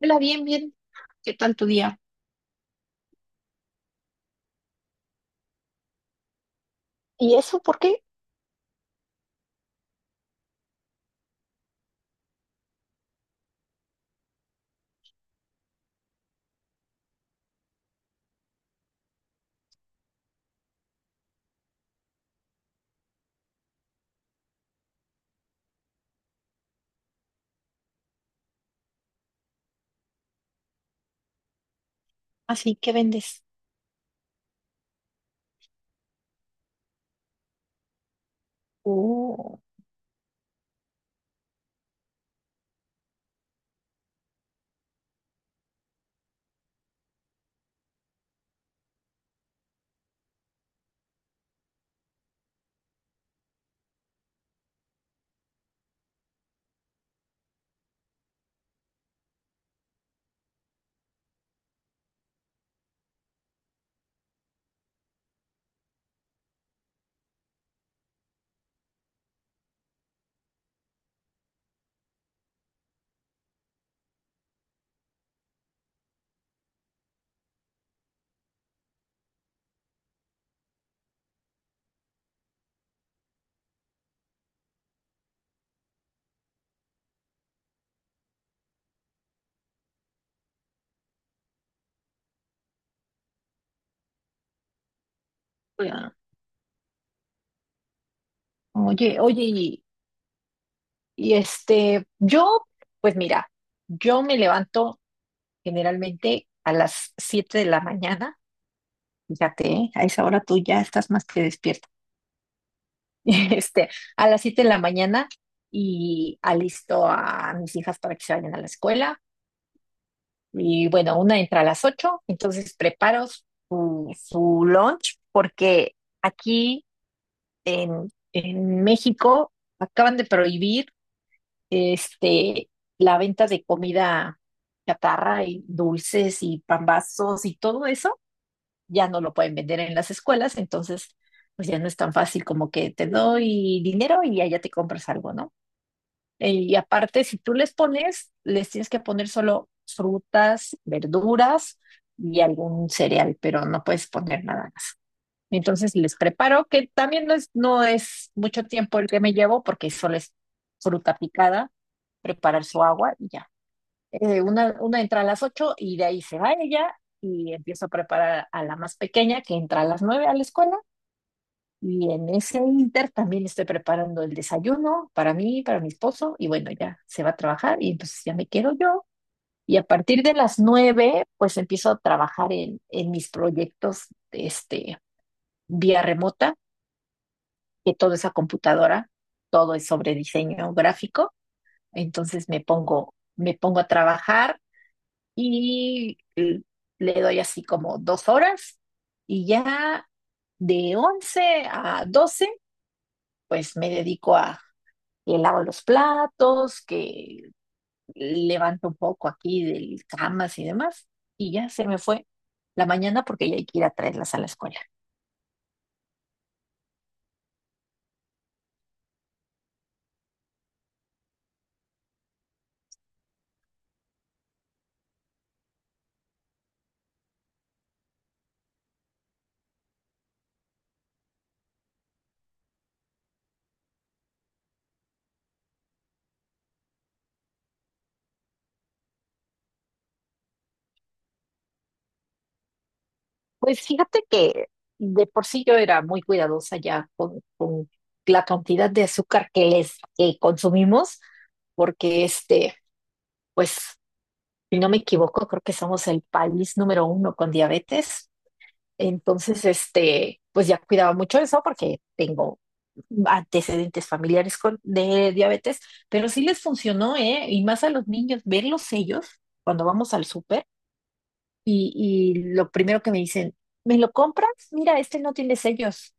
Hola, bien, bien. ¿Qué tal tu día? ¿Y eso por qué? Así que vendes. Oh, ya. Oye, y este, yo, pues mira, yo me levanto generalmente a las 7 de la mañana. Fíjate, ¿eh? A esa hora tú ya estás más que despierta. Este, a las 7 de la mañana y alisto a mis hijas para que se vayan a la escuela. Y bueno, una entra a las 8, entonces preparo su lunch porque... Aquí en México acaban de prohibir este, la venta de comida chatarra y dulces y pambazos y todo eso. Ya no lo pueden vender en las escuelas, entonces pues ya no es tan fácil como que te doy dinero y allá te compras algo, ¿no? Y aparte, si tú les pones, les tienes que poner solo frutas, verduras y algún cereal, pero no puedes poner nada más. Entonces les preparo, que también no es mucho tiempo el que me llevo, porque solo es fruta picada, preparar su agua y ya. Una entra a las 8 y de ahí se va ella y empiezo a preparar a la más pequeña que entra a las 9 a la escuela. Y en ese inter también estoy preparando el desayuno para mí, para mi esposo, y bueno, ya se va a trabajar y entonces ya me quedo yo. Y a partir de las 9, pues empiezo a trabajar en mis proyectos, vía remota, que todo es a computadora, todo es sobre diseño gráfico, entonces me pongo a trabajar y l- le doy así como 2 horas, y ya de 11 a 12 pues me dedico a que lavo los platos, que levanto un poco aquí de camas y demás, y ya se me fue la mañana porque ya hay que ir a traerlas a la escuela. Pues fíjate que de por sí yo era muy cuidadosa ya con la cantidad de azúcar que les que consumimos, porque pues, si no me equivoco, creo que somos el país número uno con diabetes. Entonces, pues ya cuidaba mucho eso porque tengo antecedentes familiares con, de diabetes, pero sí les funcionó, ¿eh? Y más a los niños, ver los sellos cuando vamos al súper y lo primero que me dicen, ¿me lo compras? Mira, este no tiene sellos.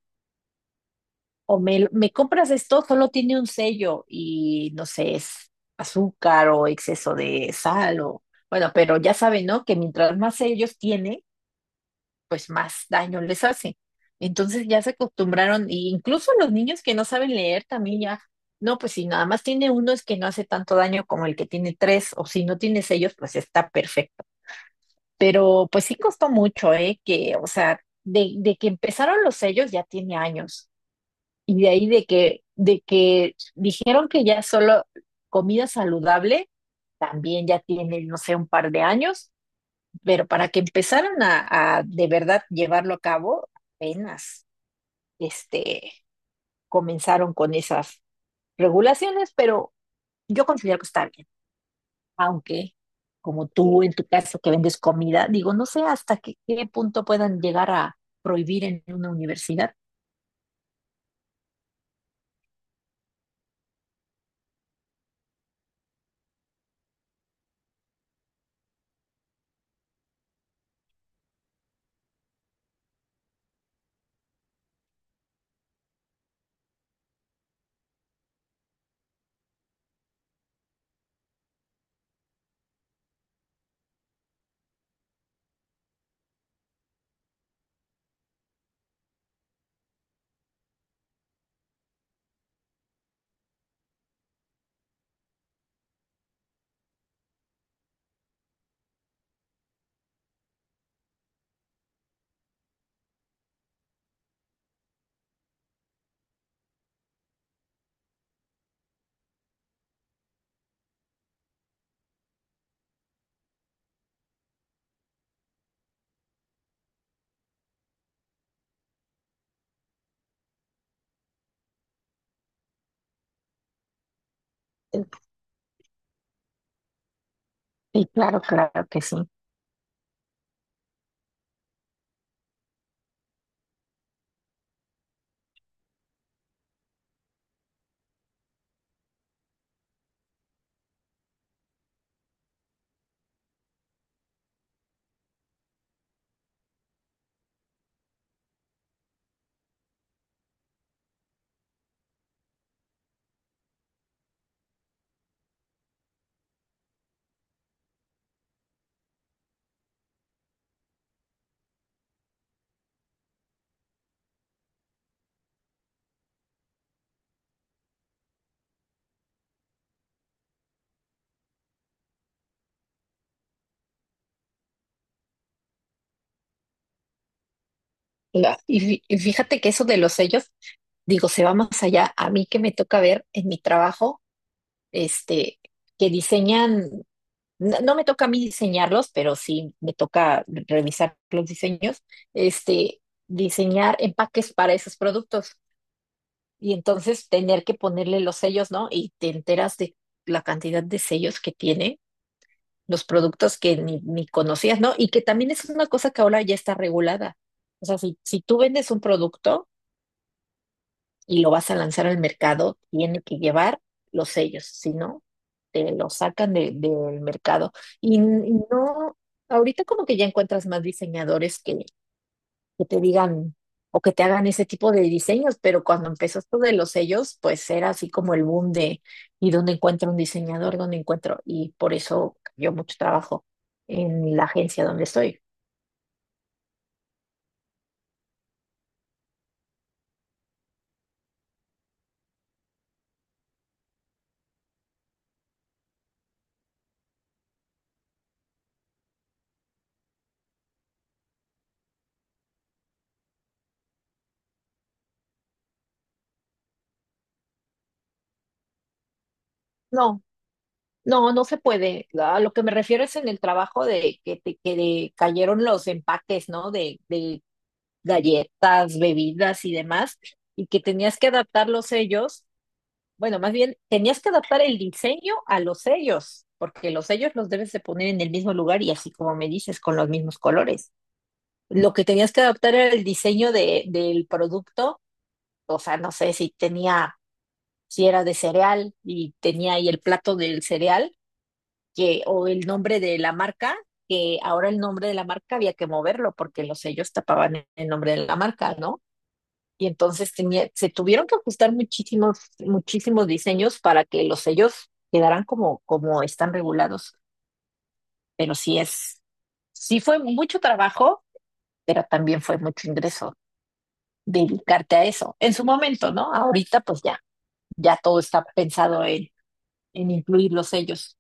Me compras esto, solo tiene un sello y no sé, es azúcar o exceso de sal o bueno, pero ya saben, ¿no? Que mientras más sellos tiene, pues más daño les hace. Entonces ya se acostumbraron, e incluso los niños que no saben leer también ya, no, pues si nada más tiene uno es que no hace tanto daño como el que tiene tres, o si no tiene sellos, pues está perfecto. Pero pues sí costó mucho, ¿eh? Que, o sea, de que empezaron los sellos ya tiene años. Y de ahí de que dijeron que ya solo comida saludable, también ya tiene, no sé, un par de años. Pero para que empezaran a de verdad llevarlo a cabo, apenas este, comenzaron con esas regulaciones, pero yo considero que está bien. Aunque como tú en tu caso que vendes comida, digo, no sé hasta qué punto puedan llegar a prohibir en una universidad. Y claro, claro que sí. Y fíjate que eso de los sellos, digo, se va más allá. A mí que me toca ver en mi trabajo, este, que diseñan, no me toca a mí diseñarlos, pero sí me toca revisar los diseños, este, diseñar empaques para esos productos. Y entonces tener que ponerle los sellos, ¿no? Y te enteras de la cantidad de sellos que tiene, los productos que ni conocías, ¿no? Y que también es una cosa que ahora ya está regulada. O sea, si tú vendes un producto y lo vas a lanzar al mercado, tiene que llevar los sellos, si no, te lo sacan del mercado. Y no, ahorita como que ya encuentras más diseñadores que te digan o que te hagan ese tipo de diseños, pero cuando empezó esto de los sellos, pues era así como el boom de ¿y dónde encuentro un diseñador? ¿Dónde encuentro? Y por eso cayó mucho trabajo en la agencia donde estoy. No, no, no se puede. A lo que me refiero es en el trabajo de que te que cayeron los empaques, ¿no? De galletas, bebidas y demás, y que tenías que adaptar los sellos. Bueno, más bien tenías que adaptar el diseño a los sellos, porque los sellos los debes de poner en el mismo lugar y así como me dices, con los mismos colores. Lo que tenías que adaptar era el diseño del producto, o sea, no sé si tenía, si era de cereal y tenía ahí el plato del cereal, que, o el nombre de la marca, que ahora el nombre de la marca había que moverlo porque los sellos tapaban el nombre de la marca, ¿no? Y entonces tenía, se tuvieron que ajustar muchísimos, muchísimos diseños para que los sellos quedaran como, como están regulados. Pero sí es, sí fue mucho trabajo, pero también fue mucho ingreso dedicarte a eso. En su momento, ¿no? Ahorita pues ya, ya todo está pensado en incluir los sellos.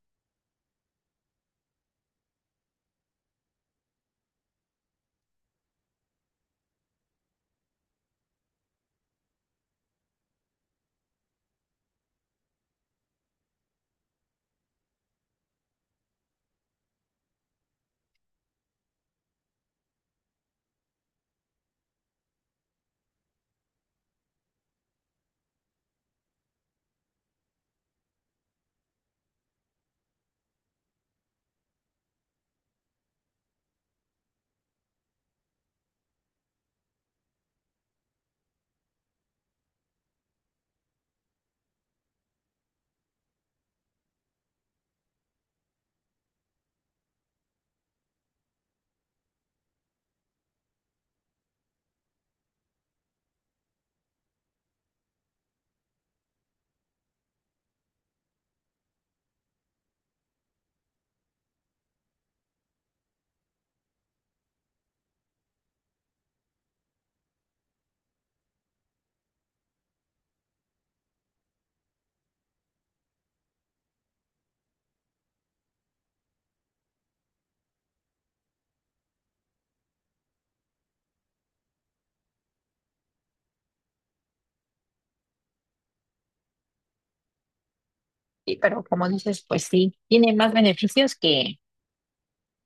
Sí, pero como dices, pues sí, tiene más beneficios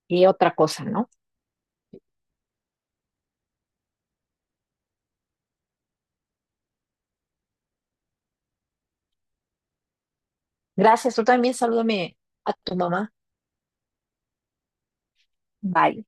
que otra cosa, ¿no? Gracias, tú también salúdame a tu mamá. Bye.